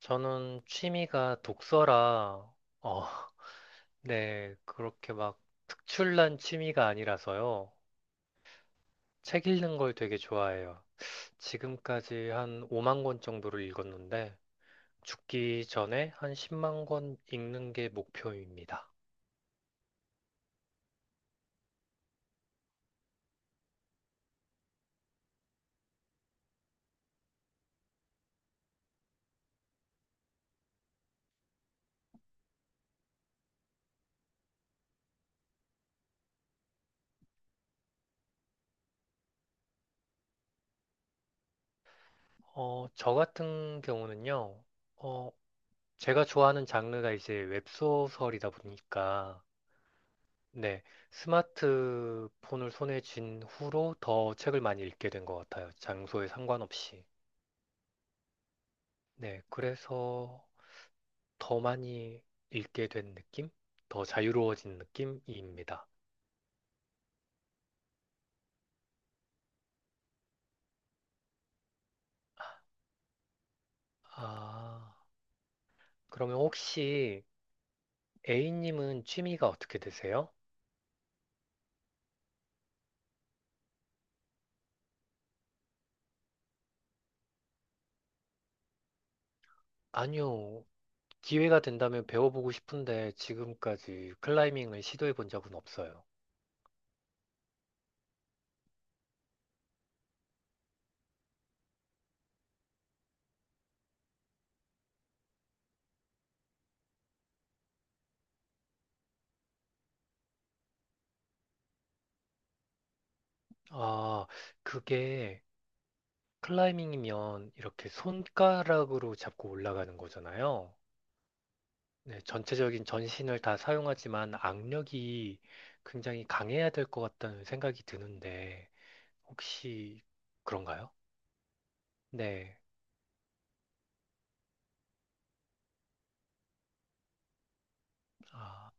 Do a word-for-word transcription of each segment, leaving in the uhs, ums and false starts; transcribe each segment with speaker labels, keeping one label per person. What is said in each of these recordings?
Speaker 1: 저는 취미가 독서라, 어, 네, 그렇게 막 특출난 취미가 아니라서요. 책 읽는 걸 되게 좋아해요. 지금까지 한 오만 권 정도를 읽었는데, 죽기 전에 한 십만 권 읽는 게 목표입니다. 어, 저 같은 경우는요, 어, 제가 좋아하는 장르가 이제 웹소설이다 보니까, 네, 스마트폰을 손에 쥔 후로 더 책을 많이 읽게 된 것 같아요. 장소에 상관없이. 네, 그래서 더 많이 읽게 된 느낌? 더 자유로워진 느낌입니다. 아, 그러면 혹시 A님은 취미가 어떻게 되세요? 아니요, 기회가 된다면 배워보고 싶은데 지금까지 클라이밍을 시도해 본 적은 없어요. 아, 그게 클라이밍이면 이렇게 손가락으로 잡고 올라가는 거잖아요. 네, 전체적인 전신을 다 사용하지만 악력이 굉장히 강해야 될 것 같다는 생각이 드는데, 혹시 그런가요? 네. 아,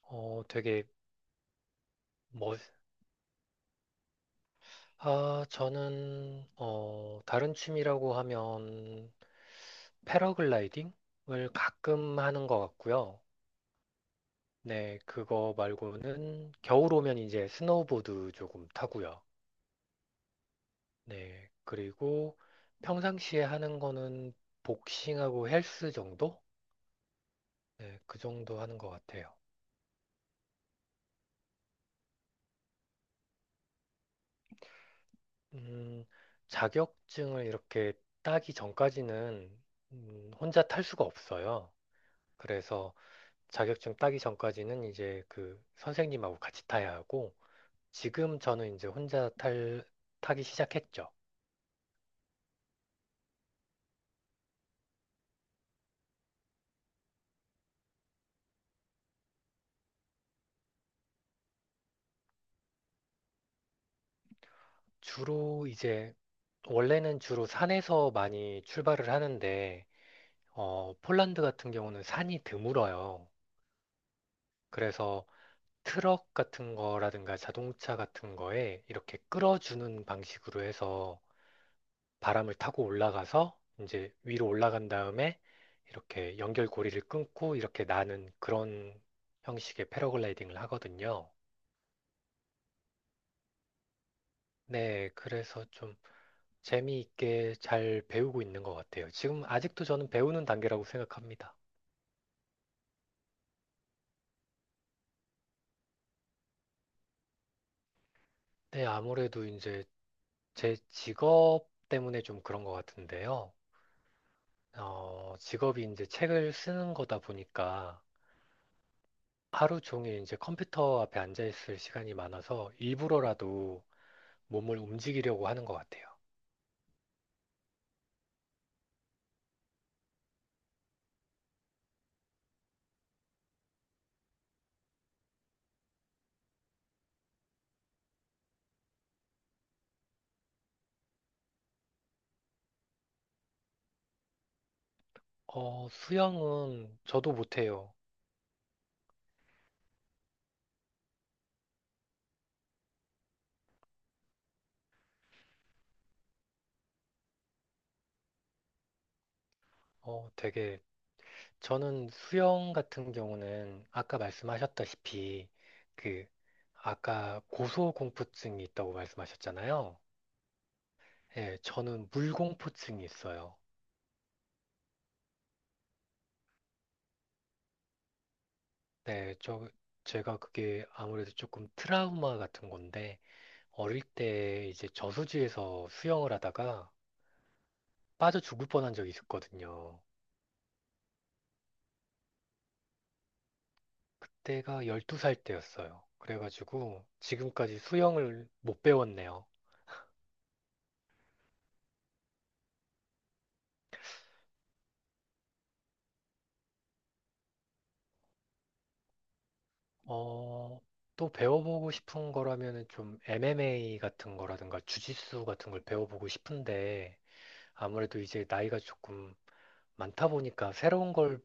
Speaker 1: 어, 되게 멋, 아, 저는, 어, 다른 취미라고 하면 패러글라이딩을 가끔 하는 것 같고요. 네, 그거 말고는 겨울 오면 이제 스노우보드 조금 타고요. 네. 그리고 평상시에 하는 거는 복싱하고 헬스 정도? 네, 그 정도 하는 것 같아요. 음, 자격증을 이렇게 따기 전까지는 음, 혼자 탈 수가 없어요. 그래서 자격증 따기 전까지는 이제 그 선생님하고 같이 타야 하고, 지금 저는 이제 혼자 탈, 타기 시작했죠. 주로 이제, 원래는 주로 산에서 많이 출발을 하는데, 어, 폴란드 같은 경우는 산이 드물어요. 그래서 트럭 같은 거라든가 자동차 같은 거에 이렇게 끌어주는 방식으로 해서 바람을 타고 올라가서 이제 위로 올라간 다음에 이렇게 연결고리를 끊고 이렇게 나는 그런 형식의 패러글라이딩을 하거든요. 네, 그래서 좀 재미있게 잘 배우고 있는 것 같아요. 지금 아직도 저는 배우는 단계라고 생각합니다. 네, 아무래도 이제 제 직업 때문에 좀 그런 것 같은데요. 어, 직업이 이제 책을 쓰는 거다 보니까 하루 종일 이제 컴퓨터 앞에 앉아 있을 시간이 많아서 일부러라도 몸을 움직이려고 하는 것 같아요. 어, 수영은 저도 못해요. 어, 되게, 저는 수영 같은 경우는 아까 말씀하셨다시피 그, 아까 고소공포증이 있다고 말씀하셨잖아요. 예, 저는 물공포증이 있어요. 네, 저, 제가 그게 아무래도 조금 트라우마 같은 건데, 어릴 때 이제 저수지에서 수영을 하다가 빠져 죽을 뻔한 적이 있었거든요. 그때가 열두 살 때였어요. 그래가지고 지금까지 수영을 못 배웠네요. 어, 또 배워보고 싶은 거라면은 좀 엠엠에이 같은 거라든가 주짓수 같은 걸 배워보고 싶은데, 아무래도 이제 나이가 조금 많다 보니까 새로운 걸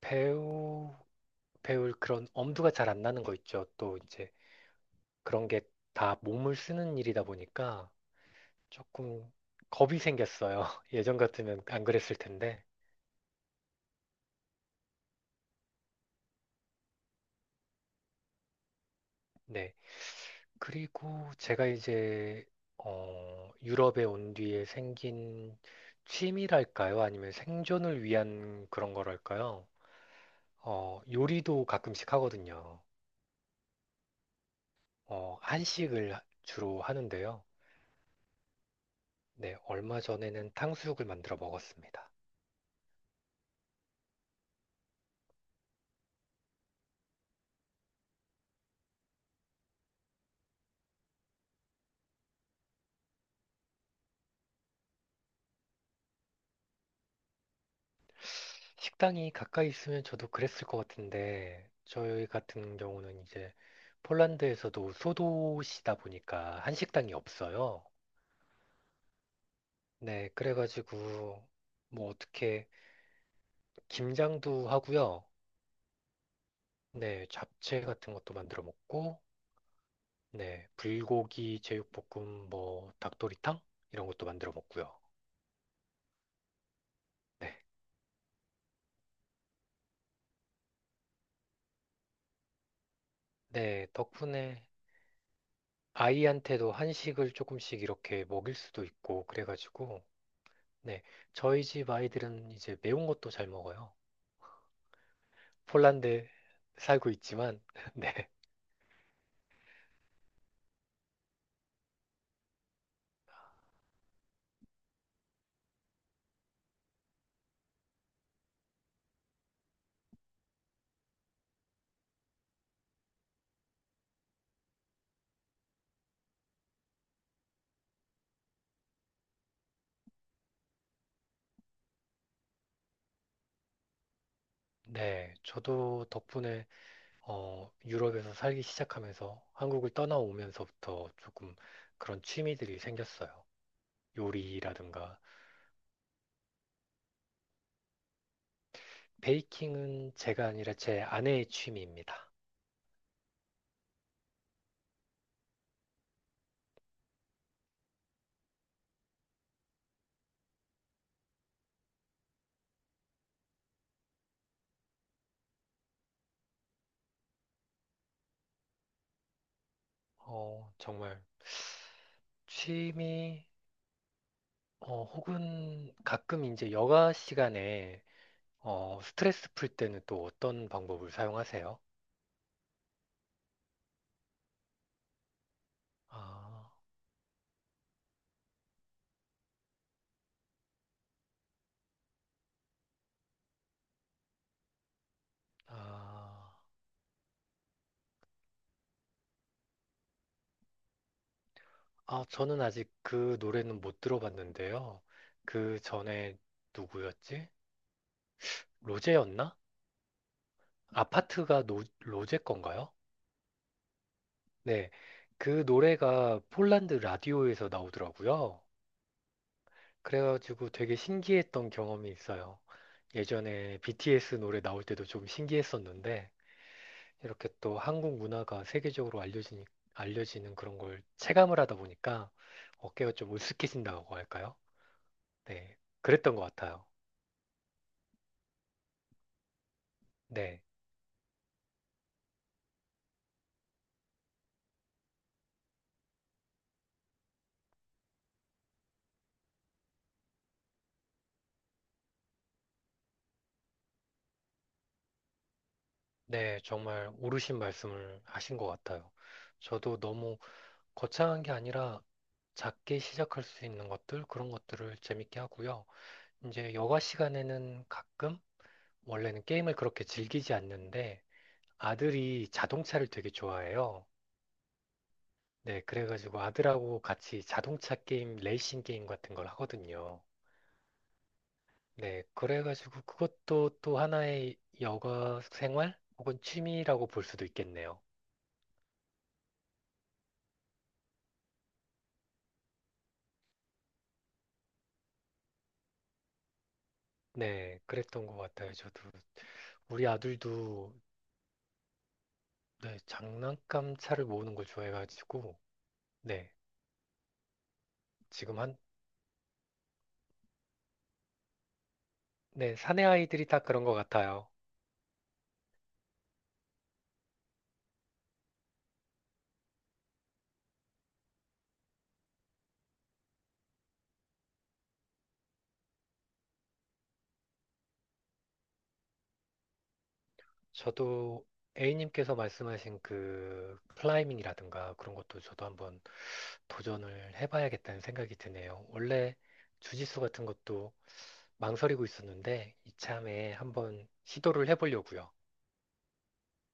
Speaker 1: 배우 배울 그런 엄두가 잘 안 나는 거 있죠. 또 이제 그런 게 다 몸을 쓰는 일이다 보니까 조금 겁이 생겼어요. 예전 같으면 안 그랬을 텐데. 네. 그리고 제가 이제 어, 유럽에 온 뒤에 생긴 취미랄까요? 아니면 생존을 위한 그런 거랄까요? 어, 요리도 가끔씩 하거든요. 어, 한식을 주로 하는데요. 네, 얼마 전에는 탕수육을 만들어 먹었습니다. 식당이 가까이 있으면 저도 그랬을 것 같은데, 저희 같은 경우는 이제 폴란드에서도 소도시다 보니까 한식당이 없어요. 네, 그래가지고 뭐 어떻게 김장도 하고요. 네, 잡채 같은 것도 만들어 먹고, 네, 불고기 제육볶음, 뭐 닭도리탕 이런 것도 만들어 먹고요. 네, 네, 덕분에 아이한테도 한식을 조금씩 이렇게 먹일 수도 있고 그래가지고. 네, 저희 집 아이들은 이제 매운 것도 잘 먹어요. 폴란드에 살고 있지만, 네, 네, 저도 덕분에 어, 유럽에서 살기 시작하면서 한국을 떠나오면서부터 조금 그런 취미들이 생겼어요. 요리라든가 베이킹은 제가 아니라 제 아내의 취미입니다. 어, 정말 취미 어, 혹은 가끔 이제 여가 시간에 어, 스트레스 풀 때는 또 어떤 방법을 사용하세요? 아. 아, 아, 저는 아직 그 노래는 못 들어봤는데요. 그 전에 누구였지? 로제였나? 아파트가 노, 로제 건가요? 네. 그 노래가 폴란드 라디오에서 나오더라고요. 그래가지고 되게 신기했던 경험이 있어요. 예전에 비티에스 노래 나올 때도 좀 신기했었는데, 이렇게 또 한국 문화가 세계적으로 알려지니, 알려지는 그런 걸 체감을 하다 보니까 어깨가 좀 으쓱해진다고 할까요? 네, 그랬던 것 같아요. 네, 네, 정말 옳으신 말씀을 하신 것 같아요. 저도 너무 거창한 게 아니라 작게 시작할 수 있는 것들, 그런 것들을 재밌게 하고요. 이제 여가 시간에는 가끔, 원래는 게임을 그렇게 즐기지 않는데 아들이 자동차를 되게 좋아해요. 네, 그래가지고 아들하고 같이 자동차 게임, 레이싱 게임 같은 걸 하거든요. 네, 그래가지고 그것도 또 하나의 여가 생활 혹은 취미라고 볼 수도 있겠네요. 네, 그랬던 것 같아요. 저도 우리 아들도 네, 장난감 차를 모으는 걸 좋아해가지고 네, 지금 한 네, 사내 아이들이 다 그런 것 같아요. 저도 A님께서 말씀하신 그 클라이밍이라든가 그런 것도 저도 한번 도전을 해봐야겠다는 생각이 드네요. 원래 주짓수 같은 것도 망설이고 있었는데 이참에 한번 시도를 해보려고요.